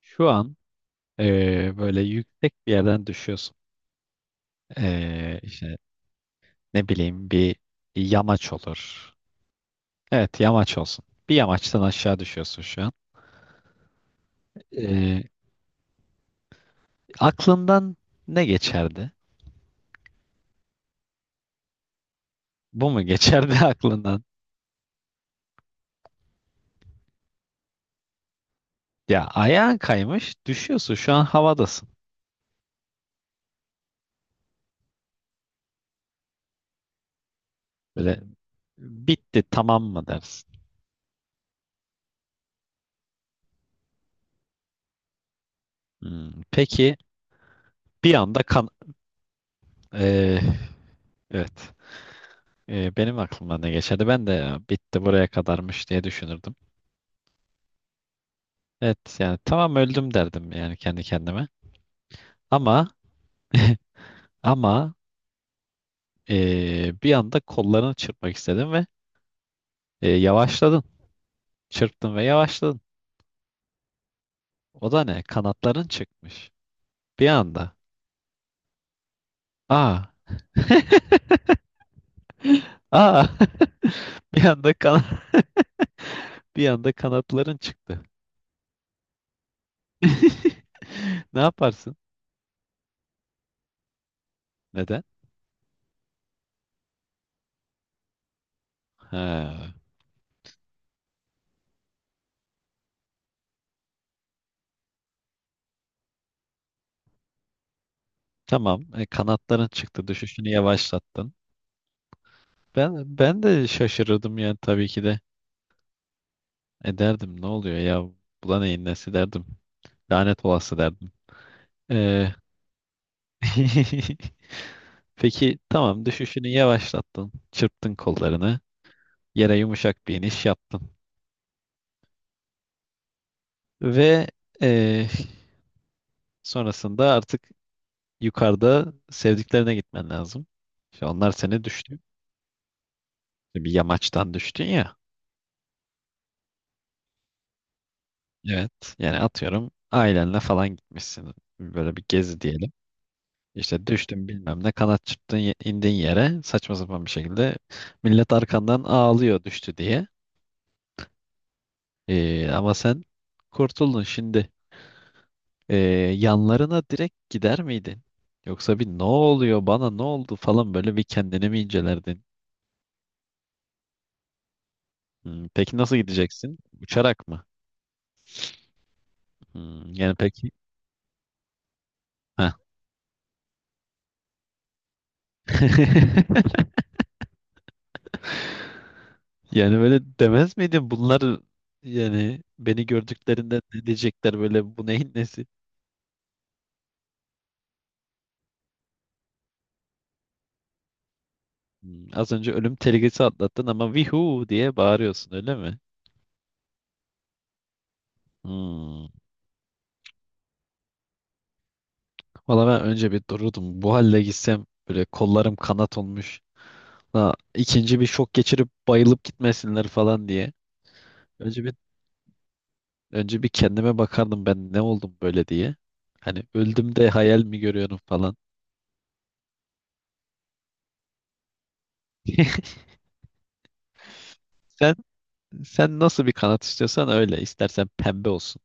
Şu an böyle yüksek bir yerden düşüyorsun. İşte ne bileyim bir yamaç olur. Evet, yamaç olsun. Bir yamaçtan aşağı düşüyorsun şu an. Eee, aklından ne geçerdi? Bu mu geçerdi aklından? Ya ayağın kaymış, düşüyorsun, şu an havadasın. Böyle bitti, tamam mı dersin? Hmm, peki bir anda eee, evet. Benim aklımdan ne geçerdi? Ben de "Ya bitti, buraya kadarmış" diye düşünürdüm. Evet, yani tamam öldüm derdim yani kendi kendime. Ama ama bir anda kollarını çırpmak istedim ve yavaşladın. Çırptın ve yavaşladın. O da ne? Kanatların çıkmış. Bir anda. Aa. Aa. Bir anda bir anda kanatların çıktı. Ne yaparsın? Neden? Ha. Tamam. E, kanatların çıktı. Düşüşünü yavaşlattın. Ben de şaşırırdım yani tabii ki de. Ederdim, ne oluyor ya? Buna neyin nesi derdim. Lanet olası derdim. Ee, peki tamam, düşüşünü yavaşlattın. Çırptın kollarını. Yere yumuşak bir iniş yaptın. Ve ee, sonrasında artık yukarıda sevdiklerine gitmen lazım. İşte onlar seni düştü. Bir yamaçtan düştün ya. Evet. Yani atıyorum, ailenle falan gitmişsin. Böyle bir gezi diyelim. İşte düştün, bilmem ne, kanat çırptın, indin yere saçma sapan bir şekilde, millet arkandan ağlıyor düştü diye. Ama sen kurtuldun şimdi. Ee, yanlarına direkt gider miydin? Yoksa bir ne oluyor, bana ne oldu falan, böyle bir kendini mi incelerdin? Hmm, peki nasıl gideceksin? Uçarak mı? Hmm, yani peki. Heh. Yani böyle demez miydin, bunlar yani beni gördüklerinde ne diyecekler, böyle bu neyin nesi? Hmm, az önce ölüm tehlikesi atlattın ama vihu diye bağırıyorsun, öyle mi? Hmm. Valla ben önce bir dururdum. Bu halde gitsem böyle, kollarım kanat olmuş. Ha, ikinci bir şok geçirip bayılıp gitmesinler falan diye. Önce bir önce bir kendime bakardım, ben ne oldum böyle diye. Hani öldüm de hayal mi görüyorum falan. Sen sen nasıl bir kanat istiyorsan öyle. İstersen pembe olsun.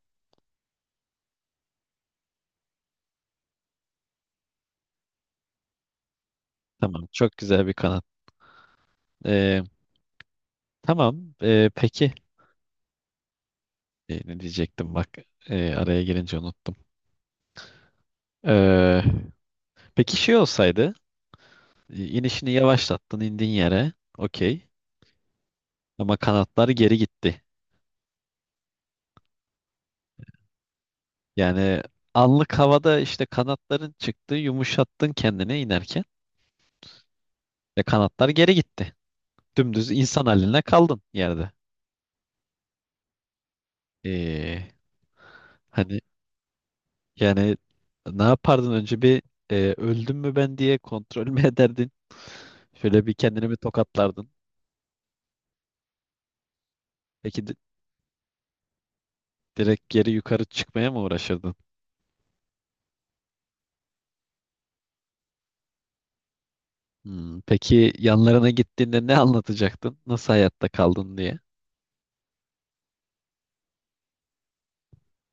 Tamam, çok güzel bir kanat. Ee, tamam. Peki ne diyecektim bak. Araya girince unuttum. Ee, peki şey olsaydı, inişini yavaşlattın, indin yere, okey. Ama kanatları geri gitti. Yani anlık havada, işte kanatların çıktı, yumuşattın kendine inerken ve kanatlar geri gitti. Dümdüz insan haline kaldın yerde. Ee, hani yani ne yapardın, önce bir öldüm mü ben diye kontrol mü ederdin? Şöyle bir kendini bir tokatlardın. Peki direkt geri yukarı çıkmaya mı uğraşırdın? Hmm, peki yanlarına gittiğinde ne anlatacaktın? Nasıl hayatta kaldın diye?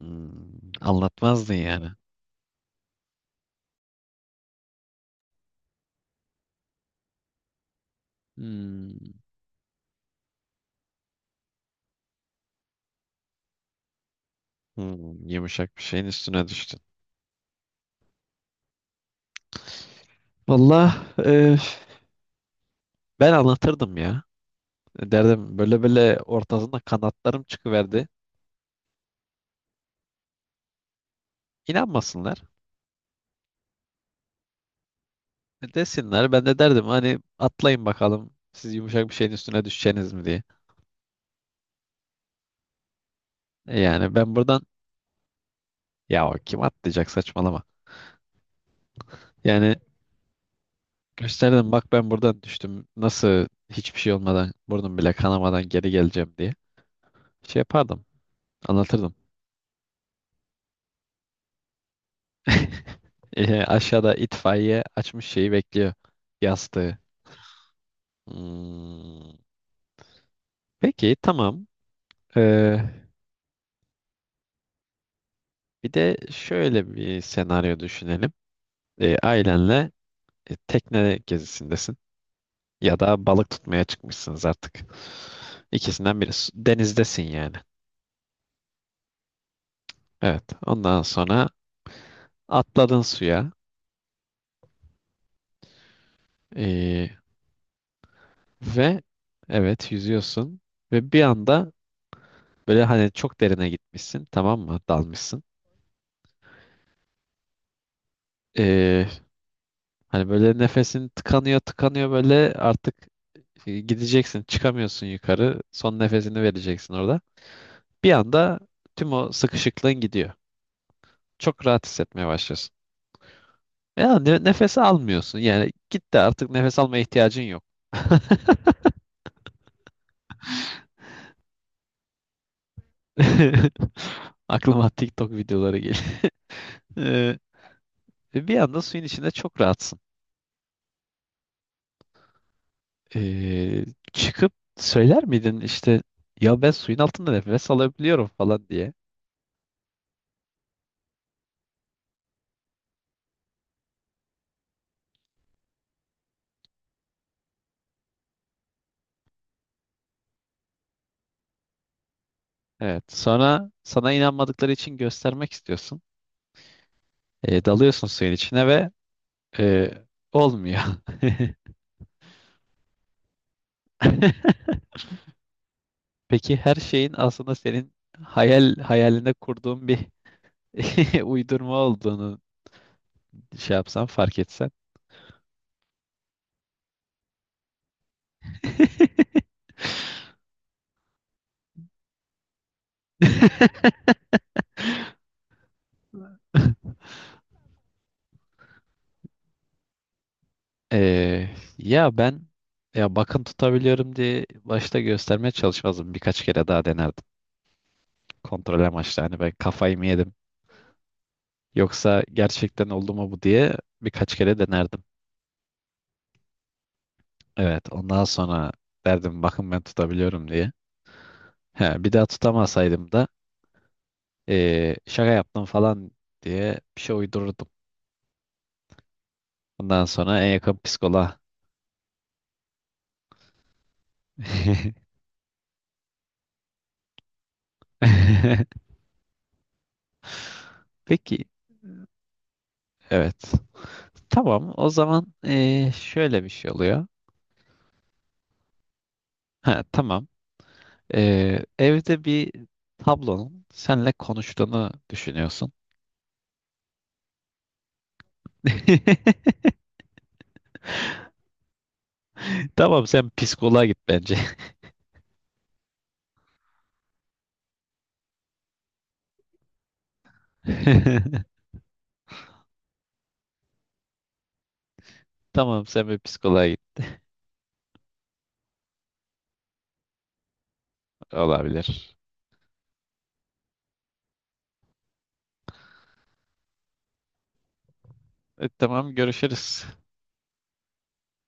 Hmm, anlatmazdın yani. Hmm, hmm, yumuşak bir şeyin üstüne düştün. Vallahi e, ben anlatırdım ya. E, derdim böyle böyle, ortasında kanatlarım çıkıverdi. İnanmasınlar. E, desinler. Ben de derdim hani, atlayın bakalım. Siz yumuşak bir şeyin üstüne düşeceğiniz mi diye. E, yani ben buradan, ya o kim atlayacak, saçmalama. Yani gösterdim, bak ben buradan düştüm. Nasıl hiçbir şey olmadan, burnum bile kanamadan geri geleceğim diye. Şey yapardım. Anlatırdım. E, aşağıda itfaiye açmış şeyi bekliyor. Yastığı. Hmm. Peki tamam. Ee, bir de şöyle bir senaryo düşünelim. Ailenle tekne gezisindesin. Ya da balık tutmaya çıkmışsınız artık. İkisinden biri. Denizdesin yani. Evet. Ondan sonra atladın suya. Ee, Ve evet, yüzüyorsun ve bir anda böyle hani çok derine gitmişsin, tamam mı, dalmışsın. Ee, hani böyle nefesin tıkanıyor tıkanıyor böyle, artık gideceksin, çıkamıyorsun yukarı, son nefesini vereceksin orada. Bir anda tüm o sıkışıklığın gidiyor. Çok rahat hissetmeye başlıyorsun. Ya nefes almıyorsun yani, gitti artık, nefes almaya ihtiyacın yok. Aklıma TikTok videoları geliyor. Ee, bir anda suyun içinde çok rahatsın. Ee, çıkıp söyler miydin işte, ya ben suyun altında nefes alabiliyorum falan diye. Evet. Sonra sana inanmadıkları için göstermek istiyorsun. Dalıyorsun suyun içine ve e, olmuyor. Peki her şeyin aslında senin hayalinde kurduğun bir uydurma olduğunu şey yapsan, fark etsen. Ee, ya ben, ya bakın tutabiliyorum diye başta göstermeye çalışmazdım. Birkaç kere daha denerdim. Kontrol amaçlı, hani ben kafayı mı yedim yoksa gerçekten oldu mu bu diye birkaç kere denerdim. Evet, ondan sonra derdim, bakın ben tutabiliyorum diye. He, bir daha tutamasaydım da şaka yaptım falan diye bir şey uydururdum. Ondan sonra en yakın psikoloğa. Peki, evet, tamam o zaman, şöyle bir şey oluyor. Ha, tamam. Evde bir tablonun seninle konuştuğunu düşünüyorsun. Tamam, sen psikoloğa git bence. Tamam, sen bir psikoloğa git, olabilir. E, tamam, görüşürüz.